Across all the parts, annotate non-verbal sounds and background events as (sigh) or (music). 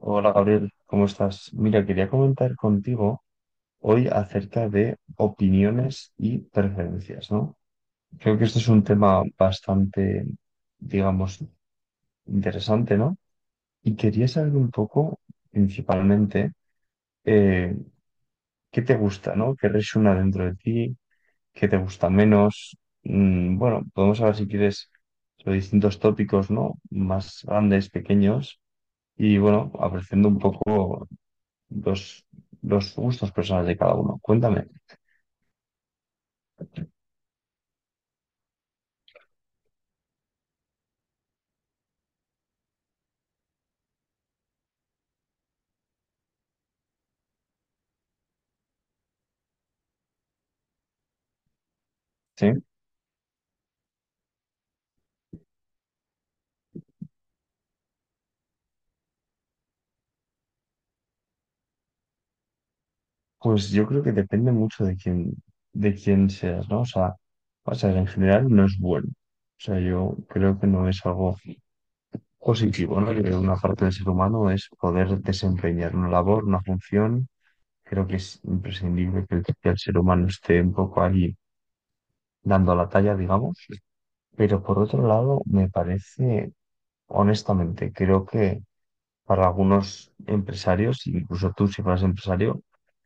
Hola Gabriel, ¿cómo estás? Mira, quería comentar contigo hoy acerca de opiniones y preferencias, ¿no? Creo que esto es un tema bastante, digamos, interesante, ¿no? Y quería saber un poco, principalmente, eh, qué te gusta, ¿no? ¿Qué resuena dentro de ti? ¿Qué te gusta menos? Bueno, podemos hablar si quieres sobre distintos tópicos, ¿no? Más grandes, pequeños, y bueno, apreciando un poco. los, los gustos personales de cada uno. Cuéntame, ¿sí? Pues yo creo que depende mucho de quién seas, ¿no? O sea, en general no es bueno. O sea, yo creo que no es algo positivo, ¿no? Yo creo que una parte del ser humano es poder desempeñar una labor, una función. Creo que es imprescindible que el ser humano esté un poco ahí dando la talla, digamos. Pero por otro lado, me parece, honestamente, creo que para algunos empresarios, incluso tú si fueras empresario,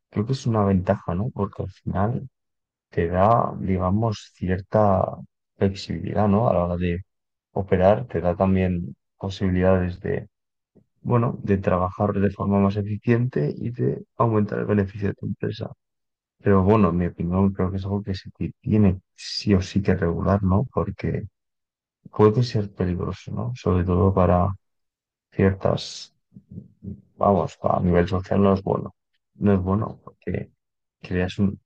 creo que es una ventaja, ¿no? Porque al final te da, digamos, cierta flexibilidad, ¿no? A la hora de operar, te da también posibilidades de, bueno, de trabajar de forma más eficiente y de aumentar el beneficio de tu empresa. Pero bueno, en mi opinión, creo que es algo que se tiene sí o sí que regular, ¿no? Porque puede ser peligroso, ¿no? Sobre todo para ciertas, vamos, a nivel social no es bueno. No es bueno porque creas un...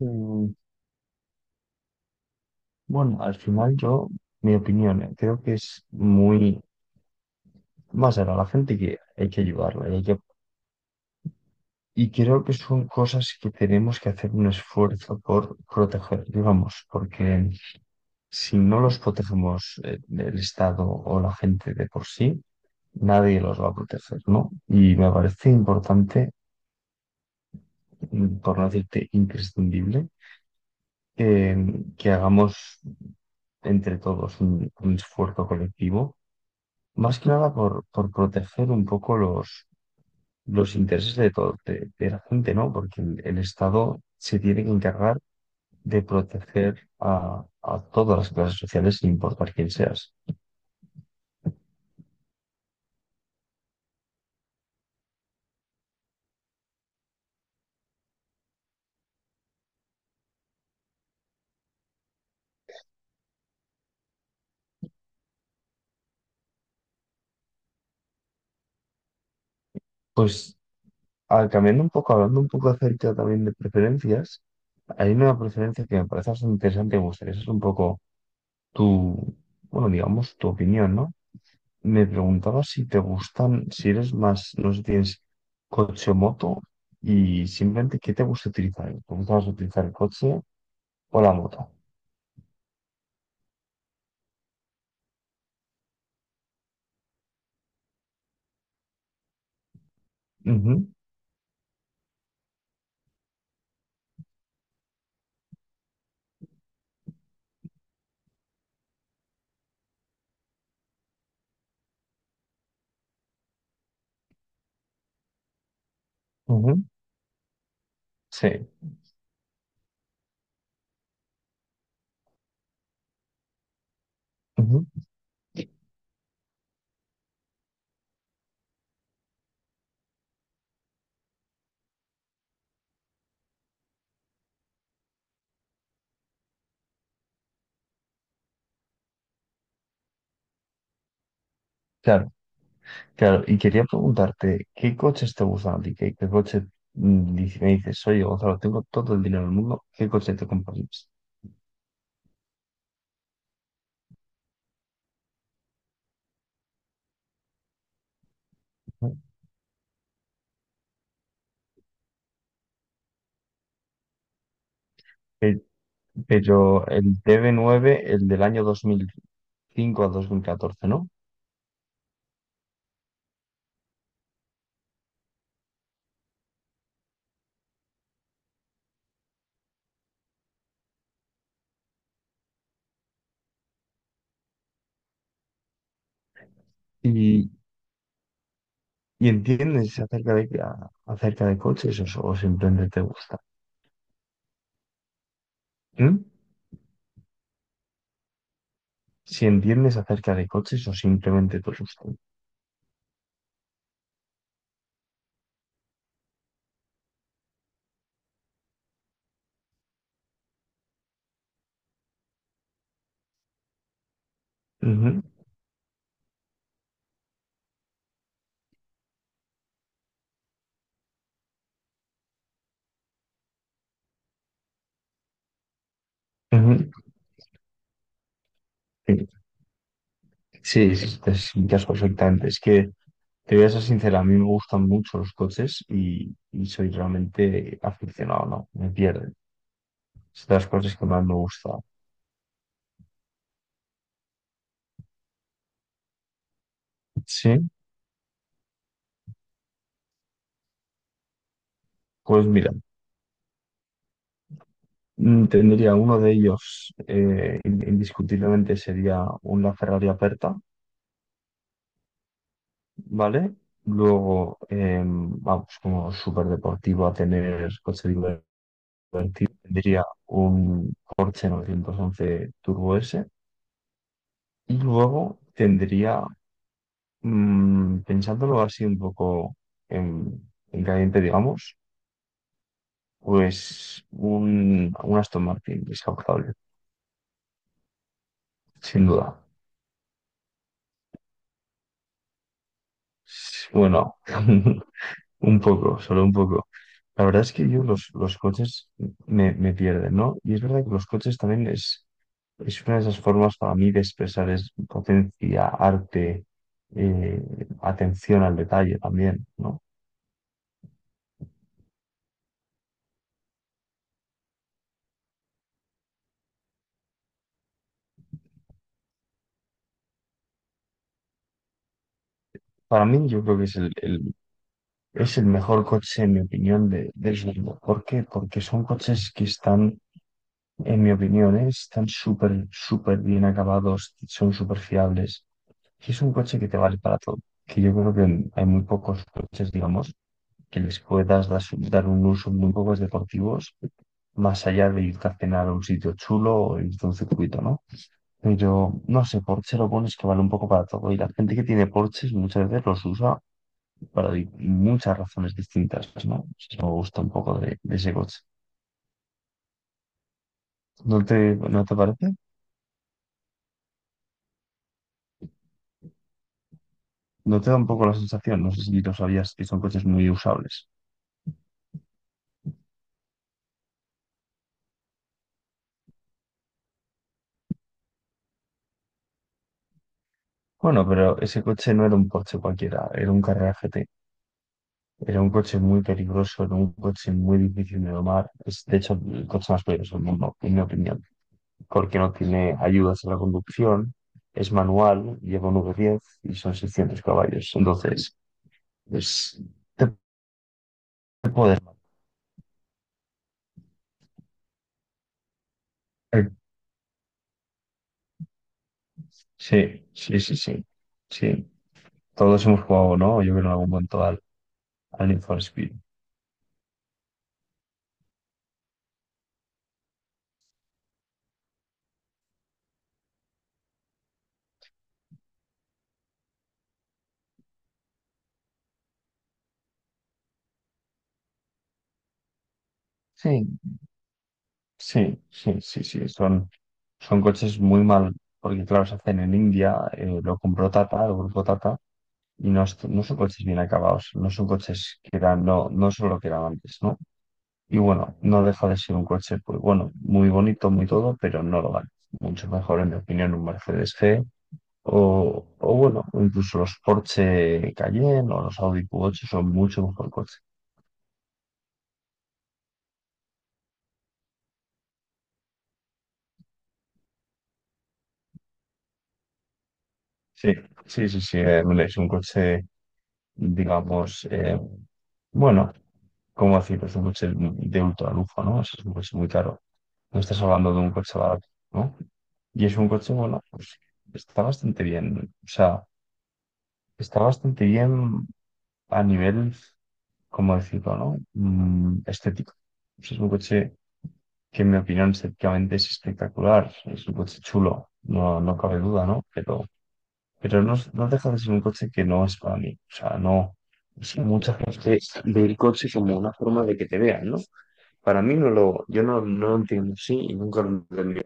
Mm, Bueno, al final yo, mi opinión, creo que es muy... Más a la gente que hay que ayudarla y, y creo que son cosas que tenemos que hacer un esfuerzo por proteger, digamos, porque si no los protegemos el Estado o la gente de por sí, nadie los va a proteger, ¿no? Y me parece importante, por no decirte imprescindible, que, que hagamos entre todos un esfuerzo colectivo, más que nada por, por proteger un poco los intereses de, todo, de la gente, ¿no? Porque el Estado se tiene que encargar de proteger a todas las clases sociales, sin importar quién seas. Pues al cambiando un poco, hablando un poco acerca también de preferencias, hay una preferencia que me parece bastante interesante, y me gustaría saber un poco tu, bueno, digamos, tu opinión, ¿no? Me preguntaba si te gustan, si eres más, no sé si tienes coche o moto, y simplemente qué te gusta utilizar. ¿Te gusta más utilizar el coche o la moto? Ujú, ujú, sí, ujú. Claro, claro. Y quería preguntarte, ¿qué coches te gustan a ti? ¿Qué coche me dices, oye, Gonzalo, tengo todo el dinero del mundo, ¿qué coche te comprarías? Ujú. Pe- Pero el DB9, el del año 2005 a 2014, ¿no? y ¿Y entiendes acerca de, acerca de coches o, o simplemente te gusta? ¿Mm? Si entiendes acerca de coches o simplemente te gusta. Ujú, ujú. Sí, sí, te explicas perfectamente. Es que te voy a ser sincera, a mí me gustan mucho los coches y soy realmente aficionado, ¿no? Me pierden. Es de las cosas que más me gusta. Sí, pues mira, tendría uno de ellos, indiscutiblemente sería una Ferrari Aperta, ¿vale? Luego, vamos, como súper deportivo a tener coche divertido, tendría un Porsche 911 Turbo S, y luego tendría, pensándolo así un poco en caliente, digamos, pues un Aston Martin descapotable, sin duda. Bueno, (laughs) un poco, solo un poco. La verdad es que yo los coches me, me pierden, ¿no? Y es verdad que los coches también es una de esas formas para mí de expresar es potencia, arte, eh, atención al detalle también, ¿no? Para mí yo creo que es el, es el mejor coche, en mi opinión, de, del mundo. ¿Por qué? Porque son coches que están, en mi opinión, ¿eh? Están súper, súper bien acabados, son súper fiables. Y es un coche que te vale para todo. Que yo creo que hay muy pocos coches, digamos, que les puedas dar un uso, muy pocos deportivos, más allá de irte a cenar a un sitio chulo o irte a un circuito, ¿no? Pero no sé, Porsche lo bueno es que vale un poco para todo, y la gente que tiene Porsches muchas veces los usa para muchas razones distintas, ¿no? Eso me gusta un poco de ese coche. ¿No te parece? ¿No te da un poco la sensación? No sé si lo sabías, que son coches muy usables. Bueno, pero ese coche no era un Porsche cualquiera, era un Carrera GT. Era un coche muy peligroso, era un coche muy difícil de domar. Es, de hecho, el coche más peligroso del mundo, en mi opinión, porque no tiene ayudas a la conducción, es manual, lleva un V10 y son 600 caballos. Entonces, es te te puede dar. Sí, sí, sí, sí. Sí, todos hemos jugado, ¿no? Yo creo, en algún momento, al Need for Speed. Sí, sí, sí, sí, sí. Son coches muy mal, porque claro, se hacen en India, lo compró Tata. Y no, no son coches bien acabados, no son coches que eran, no, no son lo que eran antes, ¿no? Y bueno, no deja de ser un coche, pues bueno, muy bonito, muy todo, pero no lo vale. Mucho mejor, en mi opinión, un Mercedes G o bueno, incluso los Porsche Cayenne o los Audi Q8 son mucho mejor coche. Sí, sí, sí, sí, es un coche, digamos, bueno, ¿cómo decirlo? Es un coche de ultra lujo, ¿no? O sea, es un coche muy caro. No estás hablando de un coche barato, ¿no? Y es un coche, bueno, pues está bastante bien. O sea, está bastante bien a nivel, ¿cómo decirlo, no? Estético. Pues es un coche que, en mi opinión, estéticamente es espectacular. Es un coche chulo, no, no cabe duda, ¿no? Pero no, no deja de ser un coche que no es para mí. O sea, no. Es que mucha gente ve el coche como una forma de que te vean, ¿no? Para mí no lo, yo no, no lo entiendo así y nunca lo entendí.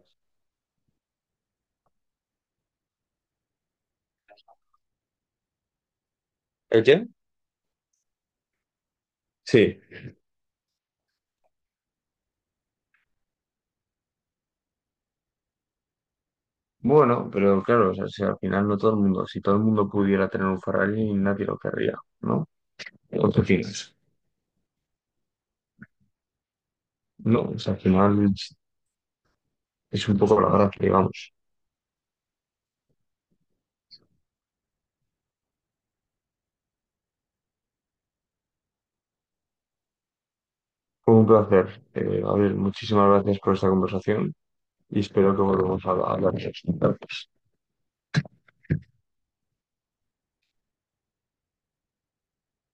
¿El qué? Sí. Bueno, pero claro, o sea, si al final no todo el mundo, si todo el mundo pudiera tener un Ferrari, nadie lo querría, ¿no? ¿O qué opinas? No, o sea, al final es un poco la gracia, digamos. Fue un placer. Gabriel, muchísimas gracias por esta conversación y espero que volvamos a hablar de esto.